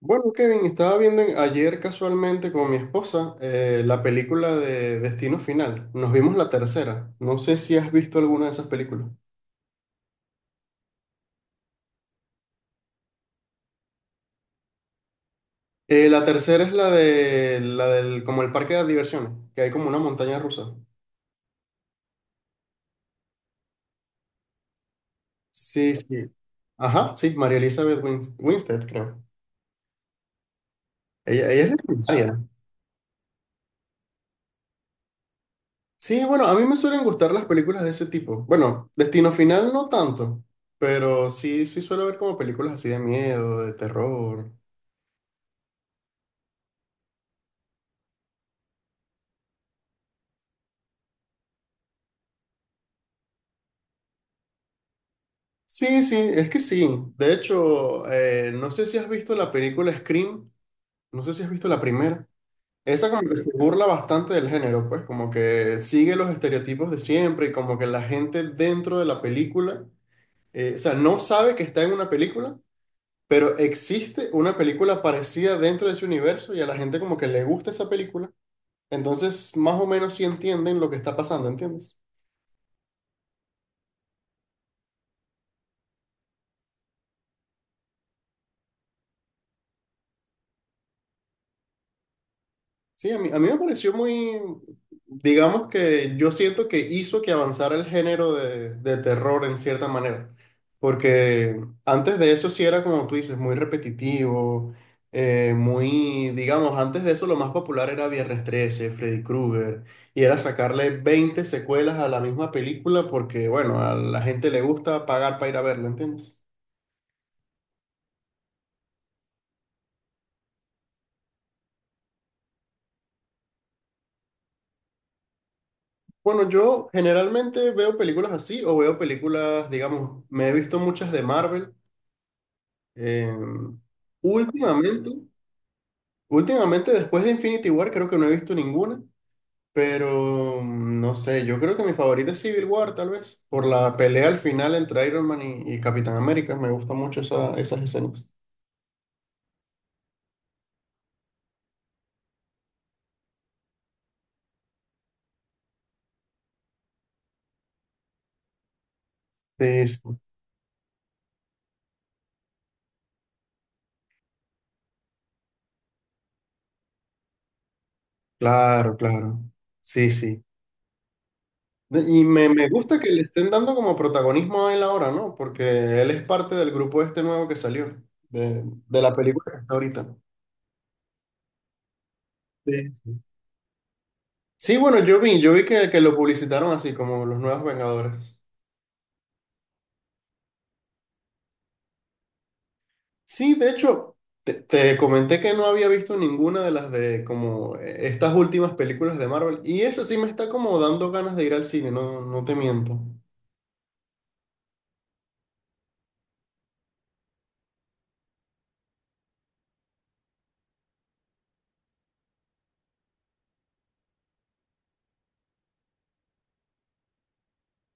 Bueno, Kevin, estaba viendo ayer casualmente con mi esposa la película de Destino Final. Nos vimos la tercera. No sé si has visto alguna de esas películas. La tercera es la de la del como el parque de diversiones, que hay como una montaña rusa. Sí, sí. Ajá, sí, María Elizabeth Winstead, creo. Ella es legendaria. Sí, bueno, a mí me suelen gustar las películas de ese tipo. Bueno, Destino Final no tanto, pero sí suelo ver como películas así de miedo, de terror. Sí, sí, es que sí. De hecho, no sé si has visto la película Scream, no sé si has visto la primera. Esa como que se burla bastante del género, pues como que sigue los estereotipos de siempre y como que la gente dentro de la película, o sea, no sabe que está en una película, pero existe una película parecida dentro de ese universo y a la gente como que le gusta esa película. Entonces, más o menos sí entienden lo que está pasando, ¿entiendes? Sí, a mí me pareció muy, digamos que yo siento que hizo que avanzara el género de terror en cierta manera, porque antes de eso sí era como tú dices, muy repetitivo, muy, digamos, antes de eso lo más popular era Viernes trece Freddy Krueger, y era sacarle 20 secuelas a la misma película porque, bueno, a la gente le gusta pagar para ir a verla, ¿entiendes? Bueno, yo generalmente veo películas así o veo películas, digamos, me he visto muchas de Marvel. Eh, últimamente, últimamente después de Infinity War creo que no he visto ninguna, pero no sé, yo creo que mi favorita es Civil War tal vez, por la pelea al final entre Iron Man y Capitán América, me gusta mucho esas escenas. Sí, sí, claro, claro, sí, sí. Y me gusta que le estén dando como protagonismo a él ahora, ¿no? Porque él es parte del grupo este nuevo que salió, de, de la película que está ahorita. Sí, sí. Sí, bueno, yo vi que lo publicitaron así, como los nuevos Vengadores. Sí, de hecho, te comenté que no había visto ninguna de las de como estas últimas películas de Marvel. Y esa sí me está como dando ganas de ir al cine, no, no te miento.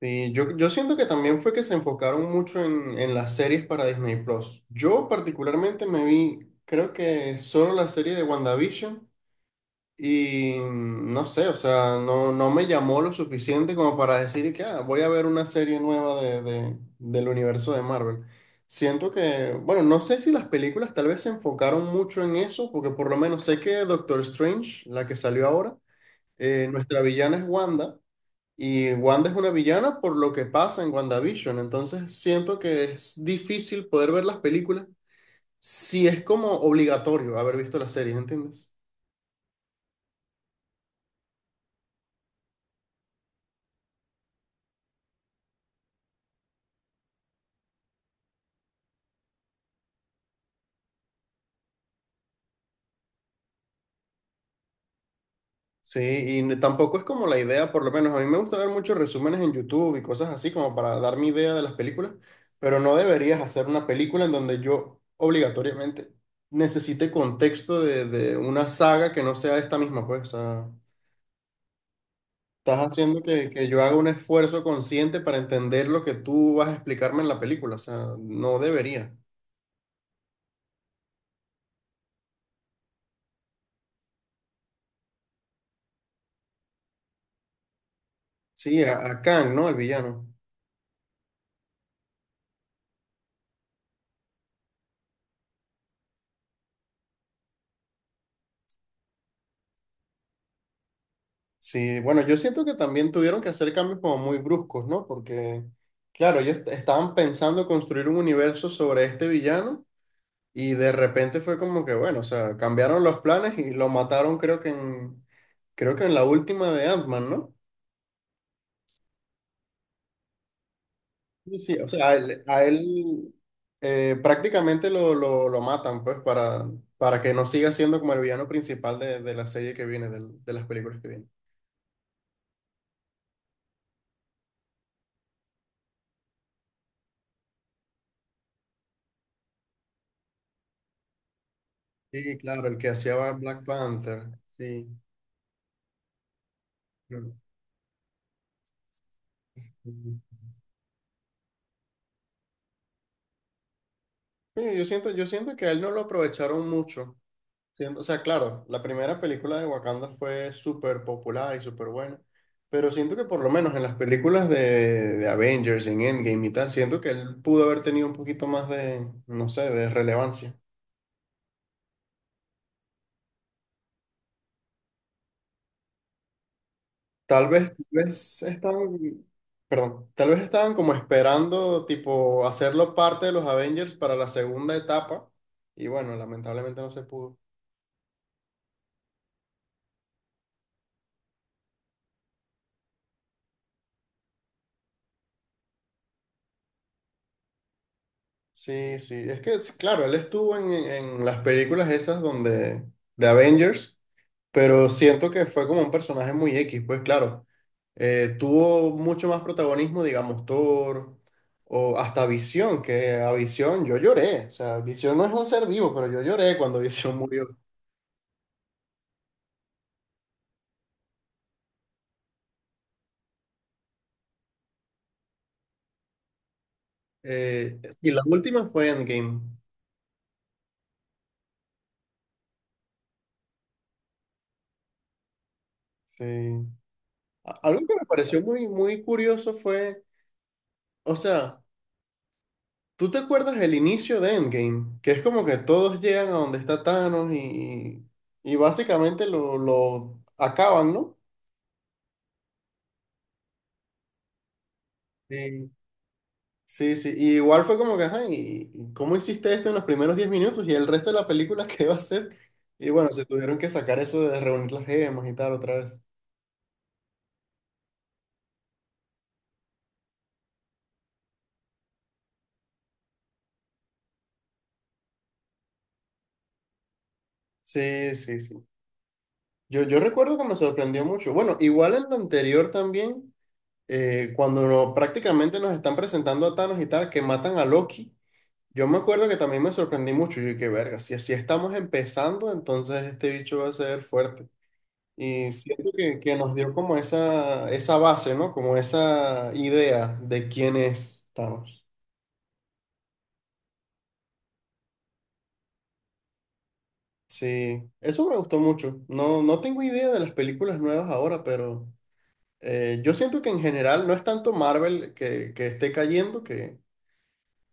Sí, yo siento que también fue que se enfocaron mucho en las series para Disney Plus. Yo particularmente me vi, creo que solo la serie de WandaVision. Y no sé, o sea, no me llamó lo suficiente como para decir que "Ah, voy a ver una serie nueva de, del universo de Marvel. Siento que, bueno, no sé si las películas tal vez se enfocaron mucho en eso, porque por lo menos sé que Doctor Strange, la que salió ahora, nuestra villana es Wanda, y Wanda es una villana por lo que pasa en WandaVision, entonces siento que es difícil poder ver las películas si es como obligatorio haber visto las series, ¿entiendes? Sí, y tampoco es como la idea, por lo menos a mí me gusta ver muchos resúmenes en YouTube y cosas así como para dar mi idea de las películas, pero no deberías hacer una película en donde yo obligatoriamente necesite contexto de una saga que no sea esta misma, pues, o sea, estás haciendo que yo haga un esfuerzo consciente para entender lo que tú vas a explicarme en la película, o sea, no debería. Sí, a Kang, ¿no? El villano. Sí, bueno, yo siento que también tuvieron que hacer cambios como muy bruscos, ¿no? Porque, claro, ellos estaban pensando construir un universo sobre este villano y de repente fue como que, bueno, o sea, cambiaron los planes y lo mataron creo que en la última de Ant-Man, ¿no? Sí, sí, o sea, a él, prácticamente lo, lo matan, pues, para que no siga siendo como el villano principal de la serie que viene, las películas que vienen. Sí, claro, el que hacía Black Panther, sí. Claro. Sí, yo siento, que a él no lo aprovecharon mucho. O sea, claro, la primera película de Wakanda fue súper popular y súper buena, pero siento que por lo menos en las películas de Avengers, en Endgame y tal, siento que él pudo haber tenido un poquito más de, no sé, de relevancia. Tal vez estaban, perdón, tal vez estaban como esperando, tipo, hacerlo parte de los Avengers para la segunda etapa, y bueno, lamentablemente no se pudo. Sí, sí, es que sí, claro, él estuvo en las películas esas donde de Avengers, pero siento que fue como un personaje muy X, pues claro, tuvo mucho más protagonismo, digamos, Thor o hasta Visión, que a Visión yo lloré, o sea, Visión no es un ser vivo, pero yo lloré cuando Visión murió. Y la última fue Endgame. Sí. Algo que me pareció muy, muy curioso fue, o sea, ¿tú te acuerdas el inicio de Endgame? Que es como que todos llegan a donde está Thanos y básicamente lo acaban, ¿no? Sí. Sí, sí. Y igual fue como que, ajá, ¿y cómo hiciste esto en los primeros 10 minutos? Y el resto de la película, ¿qué va a ser? Y bueno, se tuvieron que sacar eso de reunir las gemas y tal otra vez. Sí, sí, sí. Yo recuerdo que me sorprendió mucho. Bueno, igual en lo anterior también, cuando prácticamente nos están presentando a Thanos y tal, que matan a Loki. Yo me acuerdo que también me sorprendí mucho. Yo dije, verga, si así estamos empezando, entonces este bicho va a ser fuerte. Y siento que nos dio como esa base, ¿no? Como esa idea de quiénes estamos. Sí, eso me gustó mucho. No, no tengo idea de las películas nuevas ahora, pero yo siento que en general no es tanto Marvel que esté cayendo, que,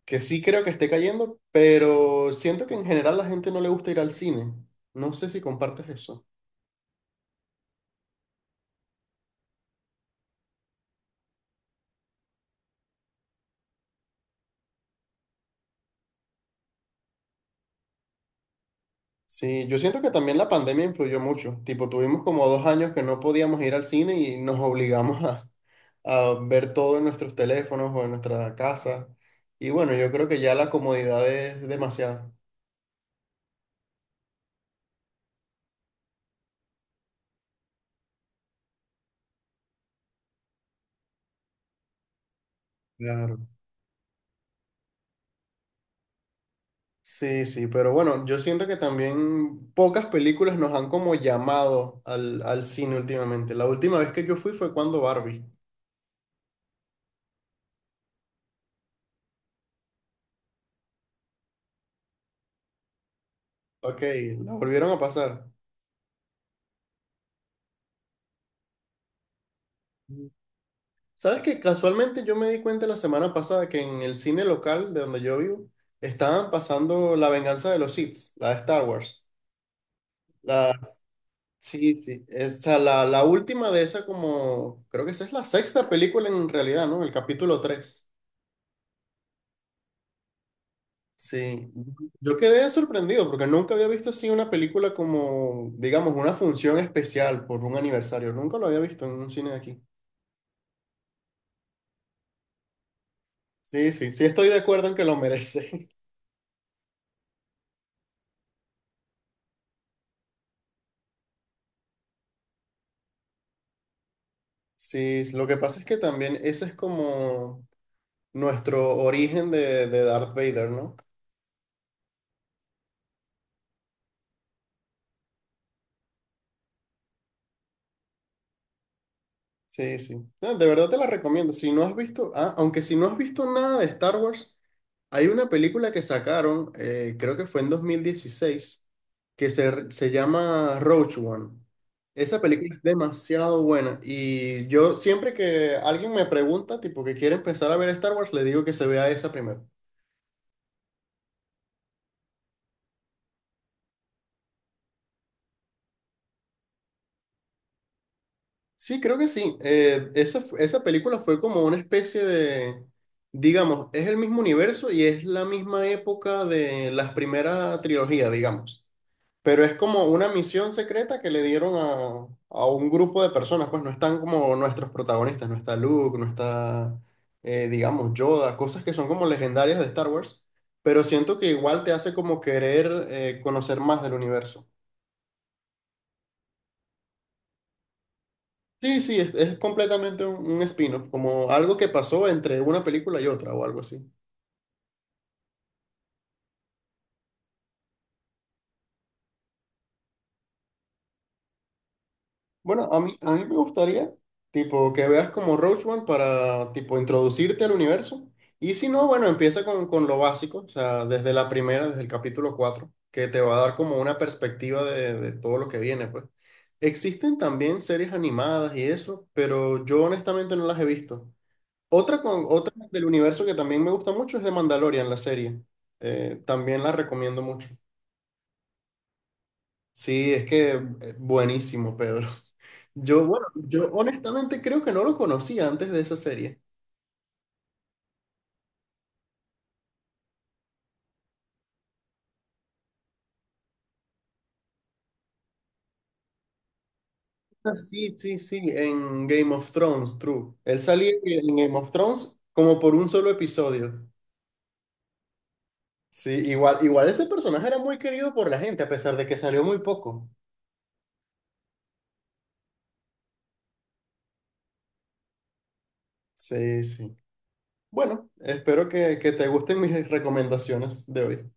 que sí creo que esté cayendo, pero siento que en general la gente no le gusta ir al cine. No sé si compartes eso. Sí, yo siento que también la pandemia influyó mucho. Tipo, tuvimos como 2 años que no podíamos ir al cine y nos obligamos a ver todo en nuestros teléfonos o en nuestra casa. Y bueno, yo creo que ya la comodidad es demasiada. Claro. Sí, sí, pero bueno, yo siento que también pocas películas nos han como llamado al cine últimamente. La última vez que yo fui fue cuando Barbie. Ok, la volvieron a pasar. Sabes que casualmente yo me di cuenta la semana pasada que en el cine local de donde yo vivo estaban pasando La Venganza de los Sith, la de Star Wars. La, sí, sí, la última de esa como, creo que esa es la sexta película en realidad, ¿no? El capítulo 3. Sí, yo quedé sorprendido porque nunca había visto así una película como, digamos, una función especial por un aniversario. Nunca lo había visto en un cine de aquí. Sí, sí, sí, estoy de acuerdo en que lo merece. Sí, lo que pasa es que también ese es como nuestro origen de Darth Vader, ¿no? Sí, sí. No, de verdad te la recomiendo. Si no has visto, ah, aunque si no has visto nada de Star Wars, hay una película que sacaron, creo que fue en 2016, que se llama Rogue One. Esa película es demasiado buena y yo siempre que alguien me pregunta, tipo que quiere empezar a ver Star Wars, le digo que se vea esa primero. Sí, creo que sí. Esa película fue como una especie de, digamos, es el mismo universo y es la misma época de las primeras trilogías, digamos. Pero es como una misión secreta que le dieron a un grupo de personas, pues no están como nuestros protagonistas, no está Luke, no está, digamos, Yoda, cosas que son como legendarias de Star Wars, pero siento que igual te hace como querer conocer más del universo. Sí, sí, es, completamente un spin-off, como algo que pasó entre una película y otra o algo así. Bueno, a mí me gustaría, tipo, que veas como Rogue One para, tipo, introducirte al universo. Y si no, bueno, empieza con lo básico, o sea, desde la primera, desde el capítulo 4 que te va a dar como una perspectiva de todo lo que viene, pues. Existen también series animadas y eso, pero yo honestamente no las he visto. Otra del universo que también me gusta mucho es de Mandalorian, la serie. También la recomiendo mucho. Sí, es que buenísimo, Pedro. Yo, bueno, yo honestamente creo que no lo conocía antes de esa serie. Ah, sí, sí, sí, en Game of Thrones, true. Él salía en Game of Thrones como por un solo episodio. Sí, igual ese personaje era muy querido por la gente, a pesar de que salió muy poco. Sí, sí. Bueno, espero que te gusten mis recomendaciones de hoy.